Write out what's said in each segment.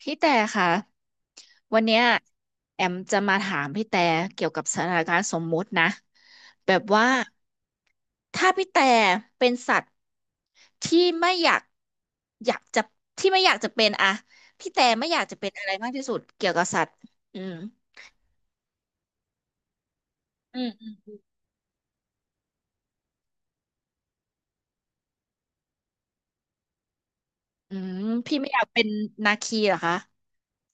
พี่แต่ค่ะวันเนี้ยแอมจะมาถามพี่แต่เกี่ยวกับสถานการณ์สมมุตินะแบบว่าถ้าพี่แต่เป็นสัตว์ที่ไม่อยากอยากจะที่ไม่อยากจะเป็นอะพี่แต่ไม่อยากจะเป็นอะไรมากที่สุดเกี่ยวกับสัตว์อืมอืมอืมพี่ไม่อยากเป็นนาคีเหรอคะ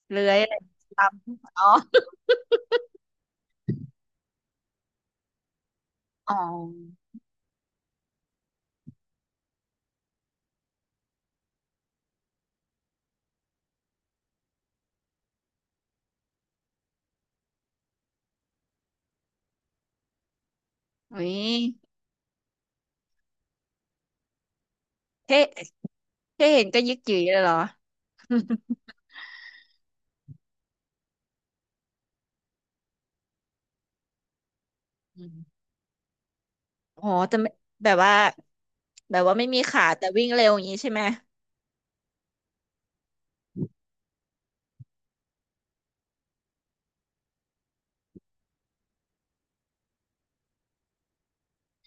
เลื้อยอะไรลำอ๋ออ๋ออุ้ยเท่เท่เห็นก็ยึกยือเลยเหรอ อ๋อแต่ไม่แบบว่าแบบว่าไม่มีขาแต่วิ่งเร็วอย่างนี้ใช่ไหม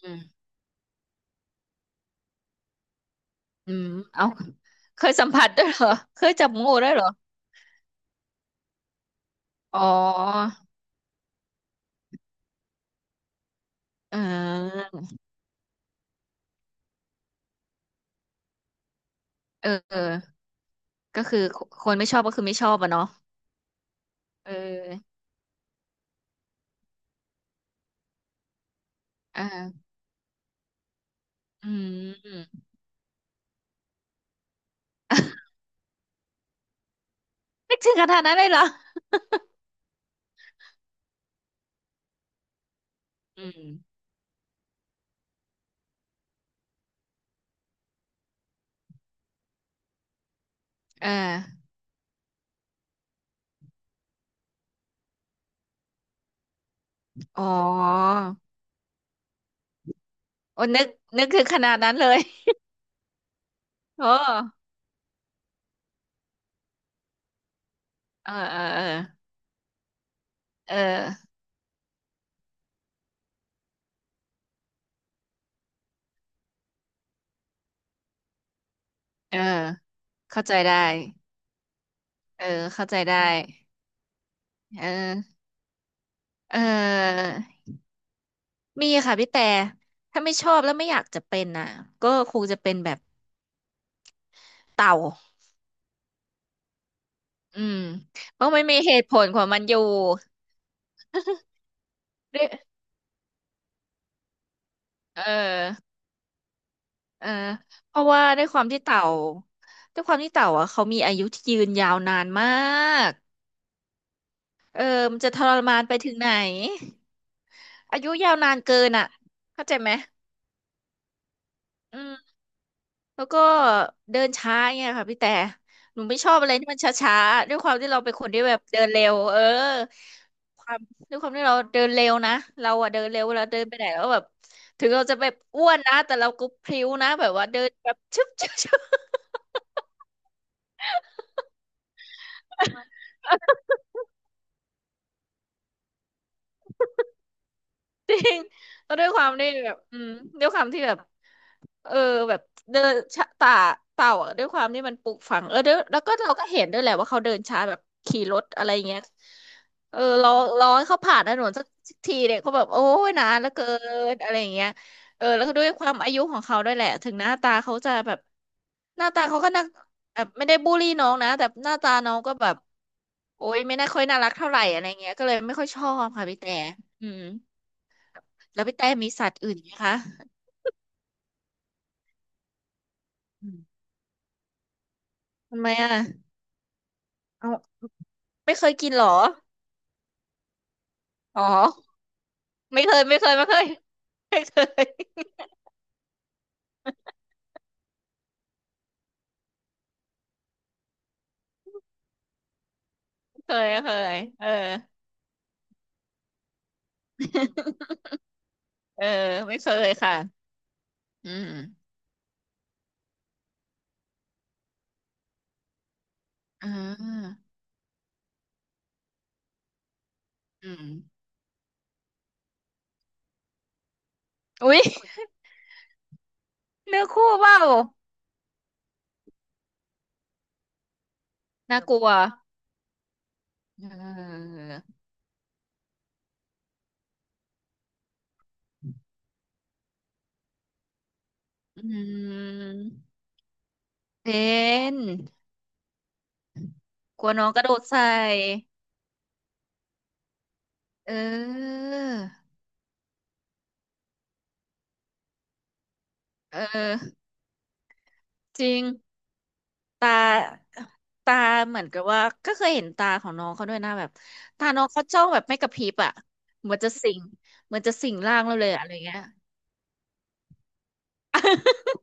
อืมอืมเอาเคยสัมผัสด้วยเหรอเคยจับงูด้วยเหรออ๋อเออเออเออก็คือคนไม่ชอบก็คือไม่ชอบอะเนาะเอออ่าอืม นึกถึงขนาดนั้นเลยเหรออืมเอออ๋อโอ้นึกนึกถึงขนาดนั้นเลย โอ้เออ เออ เออเออเออเข้าใจได้ เออ เข้าใจได้ เออ เอ่อมีค่ะพี่แต่ถ้าไม่ชอบแล้วไม่อยากจะเป็นน่ะก็คงจะเป็นแบบเต่าอืมเพราะมันมีเหตุผลของมันอยู่ด้วยเออเออเพราะว่าด้วยความที่เต่าด้วยความที่เต่าอ่ะเขามีอายุที่ยืนยาวนานมากเออมันจะทรมานไปถึงไหนอายุยาวนานเกินอ่ะเข้าใจไหมอืม แล้วก็เดินช้าเงี้ยค่ะพี่แต่หนูไม่ชอบอะไรที่มันช้าๆด้วยความที่เราเป็นคนที่แบบเดินเร็วเออความด้วยความที่เราเดินเร็วนะเราอะเดินเร็วเวลาเดินไปไหนแล้วแบบถึงเราจะแบบอ้วนนะแต่เราก็พริ้วนะแบบว่าเดินแบบชึบชึบชึบ จริงแล้วด้วยความที่แบบอืมด้วยความที่แบบ เออแบบเดินช้าต่าเต่าอะด้วยความที่มันปลูกฝังเออเดยวแล้วก็เราก็เห็นด้วยแหละว่าเขาเดินช้าแบบขี่รถอะไรเงี้ยเออรอรอให้เขาผ่านถนนสักทีเนี่ยเขาแบบโอ้ยนานเหลือเกินอะไรอย่างเงี้ยเออแล้วก็ด้วยความอายุของเขาด้วยแหละถึงหน้าตาเขาจะแบบหน้าตาเขาก็น่าแบบไม่ได้บูลลี่น้องนะแต่หน้าตาน้องก็แบบโอ้ยไม่น่าค่อยน่ารักเท่าไหร่อะไรเงี้ยก็เลยไม่ค่อยชอบค่ะพี่แต่อืมแล้วพี่แต่มีสัตว์อื่นไหมคะอืมทำไมอ่ะเอา ไม่เคยกินเหรอ อ๋อ ไม่เคย ไม่เคย เคยเออเออไม่เคยค่ะอืมอ่าอืมอุ๊ย เนื้อคู่เปล่าน่ากลัวเอออืมเป็นกลัวน้องกระโดดใส่เออเออจริง ตาตาเหมือนกับว่าก็เคยเห็นตาของน้องเขาด้วยนะแบบตาน้องเขาจ้องแบบไม่กระพริบอ่ะเหมือนจะสิงเหมือนจะสิงร่างเราเลยอะอะไรเงี้ย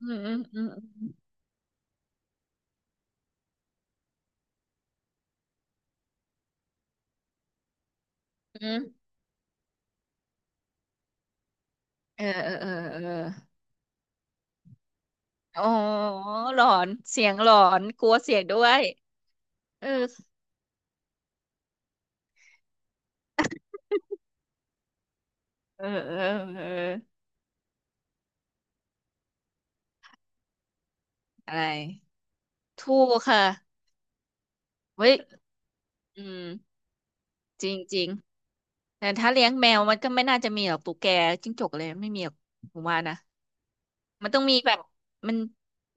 อืมอืมอืมอืมเออเออเออเอออ๋อหลอนเสียงหลอนกลัวเสียงด้วยเออเออเออเอออะไรถูกค่ะเว้ยอืมจริงจริงแต่ถ้าเลี้ยงแมวมันก็ไม่น่าจะมีหรอกตุ๊กแกจิ้งจกเลยไม่มีหรอกผมว่านะ มันต้องมีแบบมัน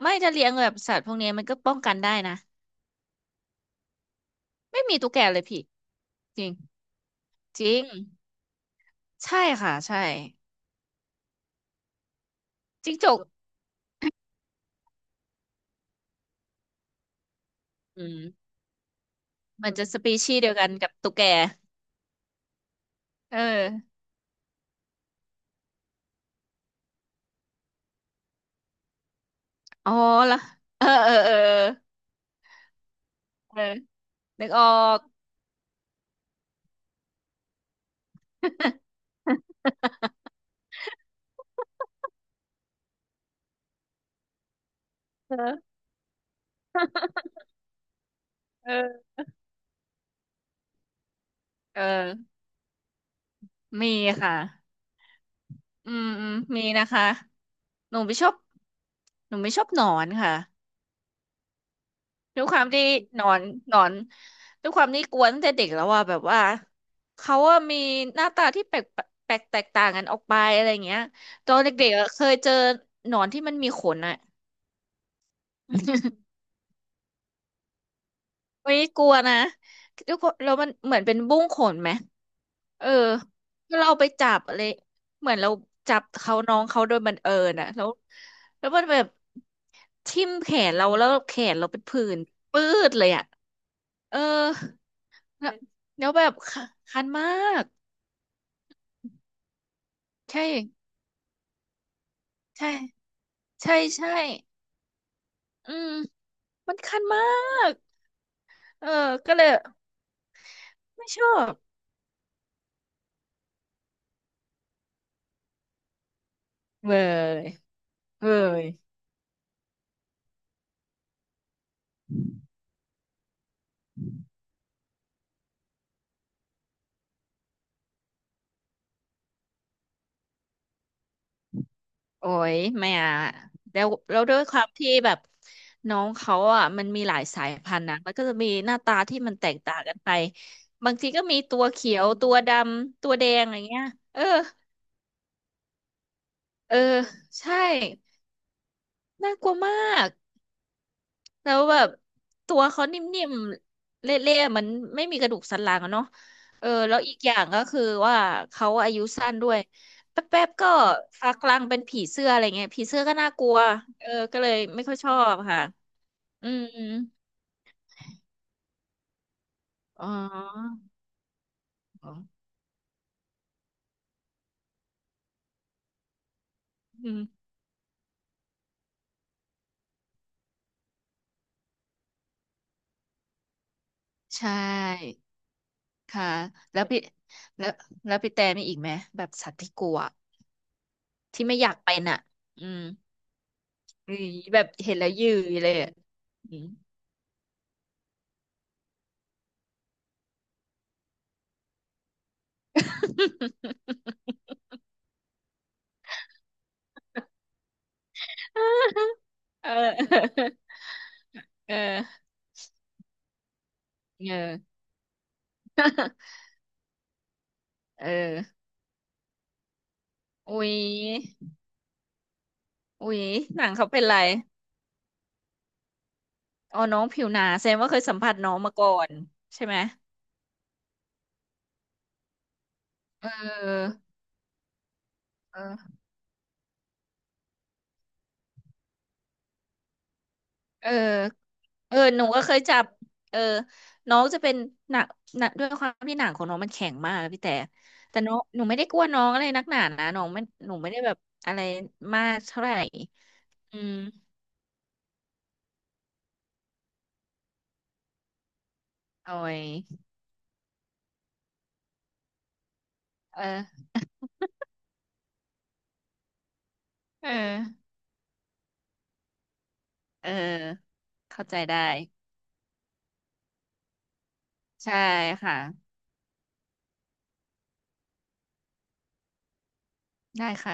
ไม่ถ้าเลี้ยงแบบสัตว์พวกนี้มันก็ป้องกันได้นะไม่มีตุ๊กแกเลยพี่จริงจริงใช่ค่ะใช่จิ้งจกอืมมันจะสปีชีส์เดียวกันกับตุ๊กแกเอออ๋อละเออเออเออเออเออนึกออก เออเออเออมีค่ะอืมมีนะคะหนูไม่ชอบหนูไม่ชอบหนอนค่ะ ด้วยความที่หนอนหนอนด้วยความที่กวนตั้งแต่เด็กแล้วว่าแบบว่าเขาว่ามีหน้าตาที่แปลกแปลกแตกต่างกันออกไปอะไรอย่างเงี้ยตอนเด็กๆอะเคยเจอหนอนที่มันมีขนอะไม่กลัวนะด้วยความแล้วมันเหมือนเป็นบุ้งขนไหมเออแล้วเราไปจับอะไรเหมือนเราจับเขาน้องเขาโดยบังเอิญอะแล้วแล้วมันแบบทิ่มแขนเราแล้วแขนเราเป็นผื่นปื้ดเลยอะเออ แล้วแล้วแบบคัคันมากใช่ใช่ใช่ใช่อืมมันคันมากเออก็เลยไม่ชอบเว้ยเว้ยโอ้ยไม่อ่ะแล้วด้วยความที่แบบน้องเขาอ่ะมันมีหลายสายพันธุ์นะมันก็จะมีหน้าตาที่มันแตกต่างกันไปบางทีก็มีตัวเขียวตัวดำตัวแดงอะไรเงี้ยเออเออใช่น่ากลัวมาก แล้วแบบตัวเขานิ่มๆเละๆมันไม่มีกระดูกสันหลังอะเนาะเออแล้วอีกอย่างก็คือว่าเขาอายุสั้นด้วยแป๊บๆก็ฟักรังเป็นผีเสื้ออะไรเงี้ยผีเสื้อก็น่ากลัวเออก็เลยไม่ค่อยชอบค่ะอืมอ๋ออ๋ออืมใช่ค่ะแล้วพี่แล้วแล้วพี่แต่มีอีกไหมแบบสัตว์ที่กลัวที่ไม่อยากเป็นอ่ะอืมอืมแบบเห็นแล้วยืยเลยอะอืม เออ เออเออเอออุ๊ยอุ๊ยหนังเขาเป็นไรอ๋อน้องผิวหนาแสดงว่าเคยสัมผัสน้องมาก่อนใช่ไหมเออเออเออเออหนูก็เคยจับเออน้องจะเป็นหนักหนักด้วยความที่หนังของน้องมันแข็งมากอะพี่แต่แต่น้องหนูไม่ได้กลัวน้องอะไรนักหนานะน้องไม่หนูไม่ได้แบบอะไรมากเท่าไหร่อืมโอ้ยเออเออเออเข้าใจได้ใช่ค่ะ ได้ค่ะ